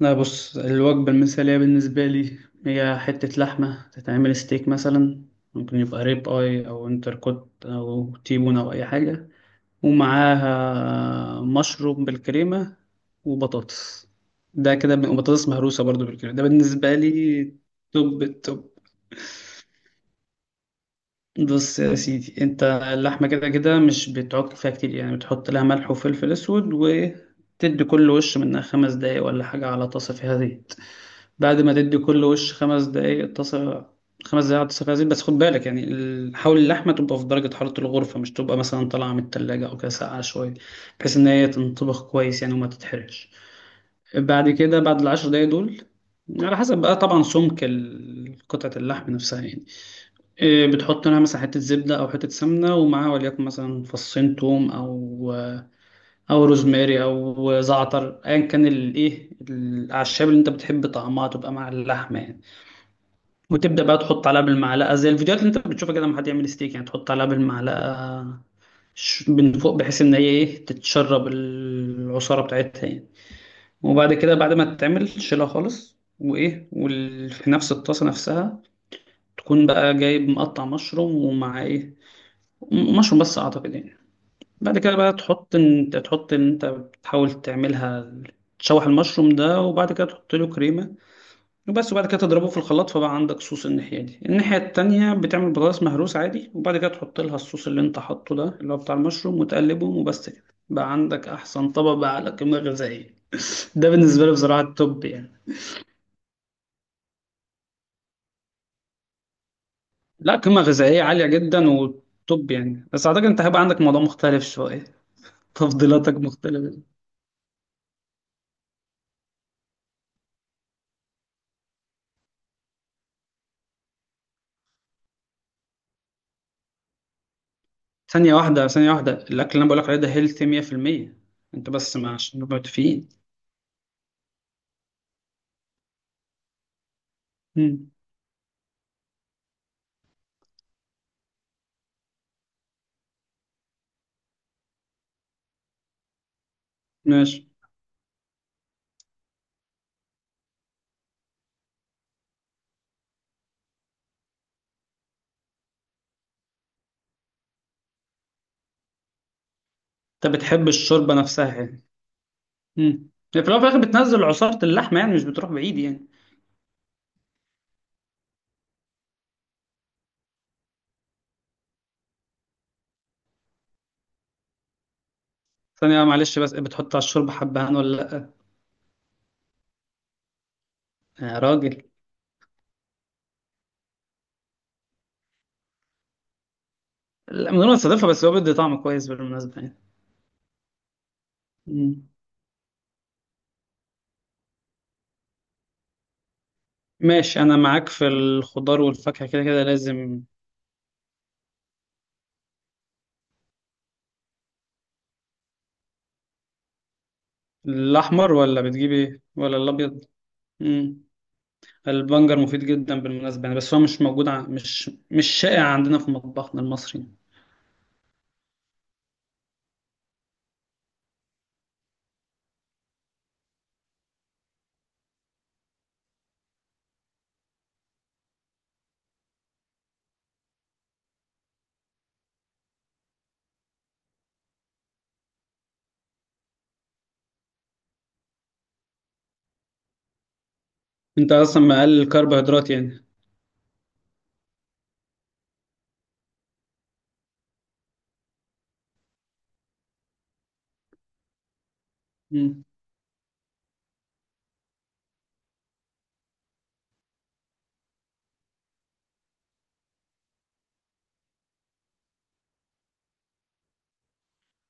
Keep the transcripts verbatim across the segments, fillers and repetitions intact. لا، بص الوجبة المثالية بالنسبة لي هي حتة لحمة تتعمل ستيك مثلا، ممكن يبقى ريب اي او انتركوت او تيبون او اي حاجة ومعاها مشروم بالكريمة وبطاطس. ده كده ب- وبطاطس مهروسة برضو بالكريمة، ده بالنسبة لي توب التوب. بص يا سيدي، انت اللحمة كده كده مش بتعك فيها كتير يعني، بتحط لها ملح وفلفل اسود وتدي كل وش منها خمس دقايق ولا حاجة على طاسة فيها زيت. بعد ما تدي كل وش خمس دقايق اتصل، خمس دقايق اتصل فيها زيت، بس خد بالك يعني، ال- حاول اللحمة تبقى في درجة حرارة الغرفة، مش تبقى مثلا طالعة من التلاجة أو كده ساقعة شوية، بحيث إن هي تنطبخ كويس يعني وما تتحرقش. بعد كده بعد العشر دقايق دول، على حسب بقى طبعا سمك ال- قطعة اللحم نفسها يعني إيه، بتحط لها مثلا حتة زبدة أو حتة سمنة ومعاها وليكن مثلا فصين توم أو أو روزماري أو زعتر، أيا كان الإيه الأعشاب اللي أنت بتحب طعمها تبقى مع اللحمة يعني. وتبدأ بقى تحط عليها بالمعلقة زي الفيديوهات اللي انت بتشوفها كده لما حد يعمل ستيك، يعني تحط عليها بالمعلقة ش- من فوق بحيث ان هي ايه تتشرب العصارة بتاعتها يعني. وبعد كده بعد ما تتعمل تشيلها خالص وايه وفي نفس الطاسة نفسها تكون بقى جايب مقطع مشروم، ومع ايه م- مشروم بس اعتقد يعني. بعد كده بقى تحط انت تحط ان انت بتحاول تعملها، تشوح المشروم ده وبعد كده تحط له كريمة وبس، وبعد كده تضربه في الخلاط فبقى عندك صوص. الناحية دي. الناحية التانية بتعمل بطاطس مهروس عادي، وبعد كده تحط لها الصوص اللي انت حاطه ده اللي هو بتاع المشروم وتقلبهم وبس كده، بقى عندك أحسن طبق بقى على قيمة غذائية. ده بالنسبة لي بصراحة التوب يعني. لا، قيمة غذائية عالية جدا وتوب يعني، بس أعتقد أنت هيبقى عندك موضوع مختلف شوية تفضيلاتك مختلفة. ثانية واحدة، ثانية واحدة، الأكل اللي أنا بقولك عليه ده هيلثي مية في المية، أنت بس ما عشان نبقى متفقين. مم. ماشي. أنت بتحب الشوربة نفسها إيه؟ امم في الأول وفي الآخر بتنزل عصارة اللحمة يعني، مش بتروح بعيد يعني. ثانية معلش، بس بتحط على الشوربة حبهان ولا لأ؟ يا راجل، لا من غير ما تستضيفها، بس هو بيدي طعم كويس بالمناسبة يعني. مم. ماشي، أنا معاك في الخضار والفاكهة كده كده لازم. الأحمر ولا بتجيب إيه، ولا الأبيض؟ مم. البنجر مفيد جدا بالمناسبة يعني، بس هو مش موجود ع... مش مش شائع عندنا في مطبخنا المصري يعني. أنت أصلا مقلل الكربوهيدرات يعني. مم.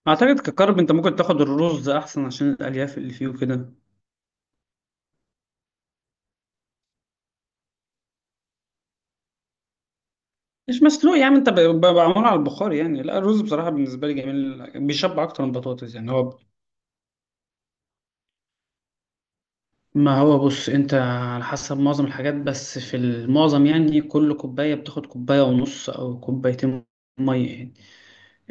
أعتقد ككرب أنت ممكن تاخد الرز أحسن عشان الألياف اللي فيه وكده. مش مسلوق يا عم، انت ب- ب- بعمله على البخار يعني. لا الرز بصراحة بالنسبة لي جميل، بيشبع اكتر من البطاطس يعني هو. ما هو بص، انت على حسب معظم الحاجات، بس في المعظم يعني كل كوباية بتاخد كوباية ونص او كوبايتين مية يعني.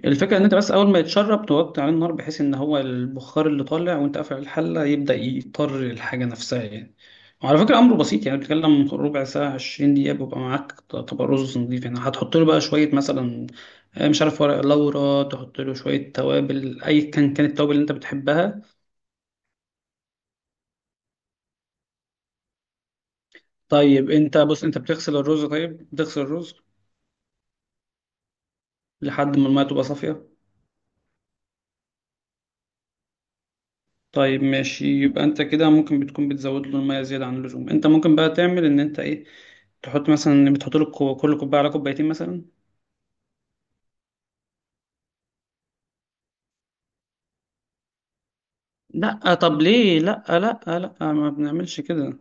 الفكرة ان انت بس اول ما يتشرب توطي عليه النار بحيث ان هو البخار اللي طالع وانت قافل الحلة يبدأ يطر الحاجة نفسها يعني. وعلى فكرة امره بسيط يعني، بتتكلم ربع ساعة عشرين دقيقة بيبقى معاك طبق رز نضيف يعني. هتحط له بقى شوية مثلا آه، مش عارف ورق لورا، تحط له شوية توابل اي كان كانت التوابل اللي انت بتحبها. طيب انت بص، انت بتغسل الرز، طيب بتغسل الرز لحد ما المية تبقى صافية. طيب ماشي، يبقى انت كده ممكن بتكون بتزود له المية زيادة عن اللزوم. انت ممكن بقى تعمل ان انت ايه، تحط مثلا، بتحط له كو- كل كوبايه على كوبايتين مثلا. لا طب ليه؟ لا لا لا ما بنعملش كده،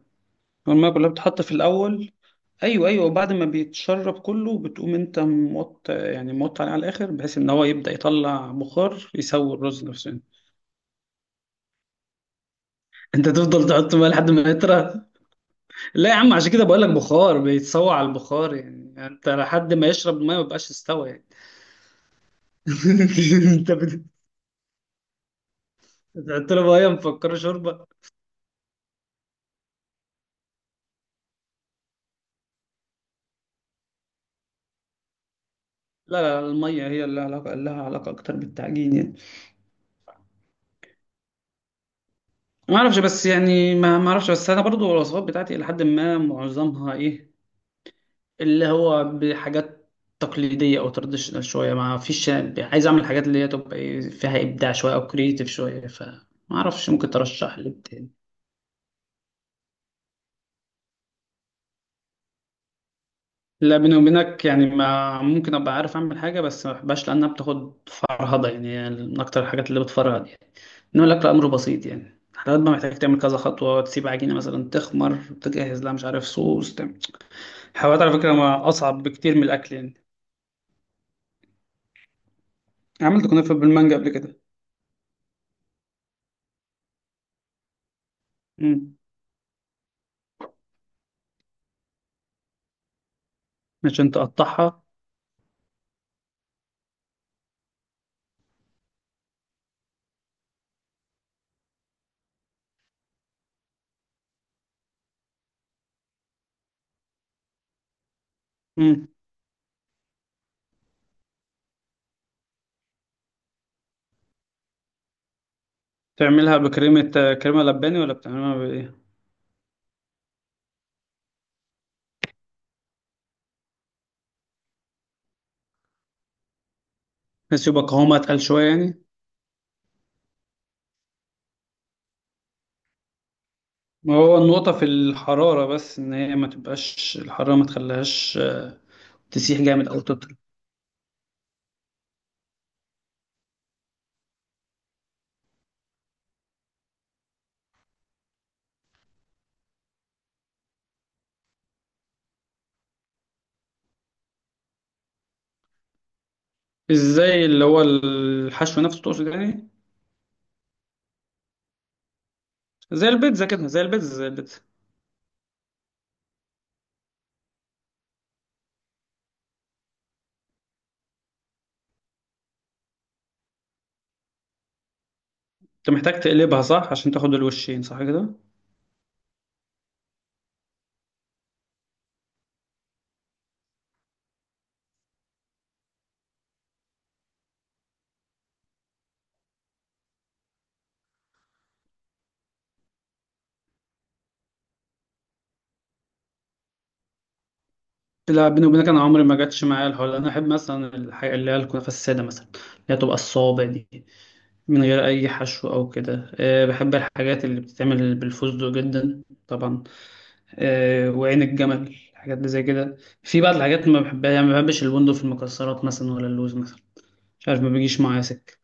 الميه كلها بتتحط في الاول. ايوه ايوه وبعد ما بيتشرب كله بتقوم انت موط يعني، موط عليه على الاخر بحيث ان هو يبدا يطلع بخار يسوي الرز نفسه يعني. انت تفضل تحط بقى لحد ما يطرى؟ لا يا عم، عشان كده بقول لك بخار، بيتسوى على البخار يعني، انت لحد ما يشرب الميه ما بقاش استوى يعني. انت بت- بتحط له ميه مفكره شوربه. لا لا المية هي اللي علاقة لها، علاقة أكتر بالتعجين يعني. ما أعرفش بس يعني، ما ما أعرفش بس. أنا برضو الوصفات بتاعتي إلى حد ما معظمها إيه اللي هو بحاجات تقليدية أو تراديشنال شوية. ما فيش يعني عايز أعمل حاجات اللي هي تبقى إيه فيها إبداع شوية أو كرييتيف شوية، فما أعرفش، ممكن ترشح لي تاني؟ لا بيني وبينك يعني، ما ممكن أبقى عارف أعمل حاجة بس ما بحبهاش لأنها بتاخد فرهضة يعني، من أكتر الحاجات اللي بتفرهد يعني. نقول لك الأمر بسيط يعني، حضرتك بقى محتاج تعمل كذا خطوة، تسيب عجينة مثلا تخمر، تجهز لها مش عارف صوص تعمل. الحلويات على فكرة ما أصعب بكتير من الأكل يعني. عملت كنافة بالمانجا قبل كده. مم. عشان تقطعها. مم. تعملها بكريمة آه، كريمة لباني، ولا بتعملها بإيه؟ بس يبقى قوامها أتقل شوية يعني. ما هو النقطة في الحرارة بس، إن هي ما تبقاش الحرارة ما تخليهاش آه، تسيح جامد أو تطرى. ازاي، اللي هو الحشو نفسه تقصد يعني؟ زي البيتزا كده، زي البيتزا، زي البيتزا. انت محتاج تقلبها صح عشان تاخد الوشين صح كده. لا بيني وبينك انا عمري ما جاتش معايا الحوار ده. انا احب مثلا الحاجه اللي هي الكنافه الساده مثلا، اللي هي تبقى الصابع دي، من غير اي حشو او كده. أه، بحب الحاجات اللي بتتعمل بالفستق جدا طبعا، أه، وعين الجمل، الحاجات اللي زي كده. في بعض الحاجات اللي ما بحبها يعني، ما بحبش البندق في المكسرات مثلا، ولا اللوز مثلا، مش عارف، ما بيجيش معايا سكه.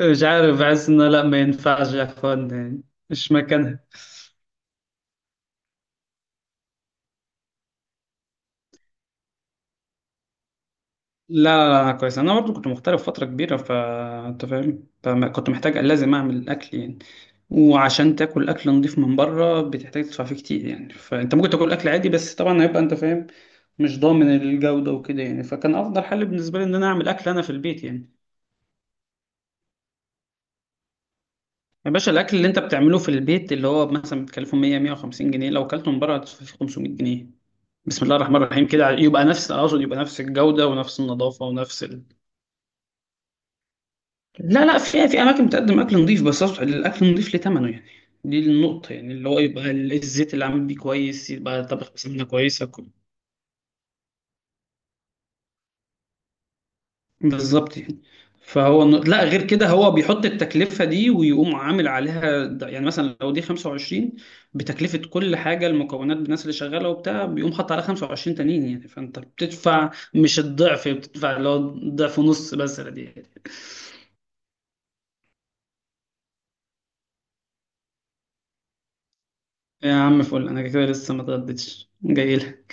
مش عارف، بحس ان لا ما ينفعش يا اخوان يعني، مش مكانها. لا لا لا أنا كويس، انا برضو كنت مغترب فتره كبيره فانت فاهم، فما- كنت محتاج لازم اعمل اكل يعني. وعشان تاكل اكل نضيف من بره بتحتاج تدفع فيه كتير يعني، فانت ممكن تاكل اكل عادي بس طبعا هيبقى انت فاهم، مش ضامن الجوده وكده يعني، فكان افضل حل بالنسبه لي ان انا اعمل اكل انا في البيت يعني. يا باشا، الاكل اللي انت بتعمله في البيت اللي هو مثلا بتكلفه مية مية وخمسين جنيه، لو اكلته من بره هتدفع فيه خمسمية جنيه. بسم الله الرحمن الرحيم كده، يبقى نفس، اقصد يبقى نفس الجوده ونفس النظافه ونفس. لا لا في في اماكن بتقدم اكل نظيف، بس أصبح الاكل نظيف ليه ثمنه يعني. دي النقطه يعني، اللي هو يبقى ال- الزيت اللي عامل بيه كويس، يبقى طبخ بسمنه كويسه كو- بالظبط يعني. فهو الن- لا غير كده، هو بيحط التكلفه دي ويقوم عامل عليها د- يعني مثلا لو دي خمسة وعشرين بتكلفه كل حاجه، المكونات بالناس اللي شغاله وبتاع، بيقوم حاطط عليها خمسة وعشرين تانيين يعني، فانت بتدفع مش الضعف، بتدفع اللي هو ضعف ونص بس دي يعني. يا عم فل، انا كده لسه ما اتغديتش جاي.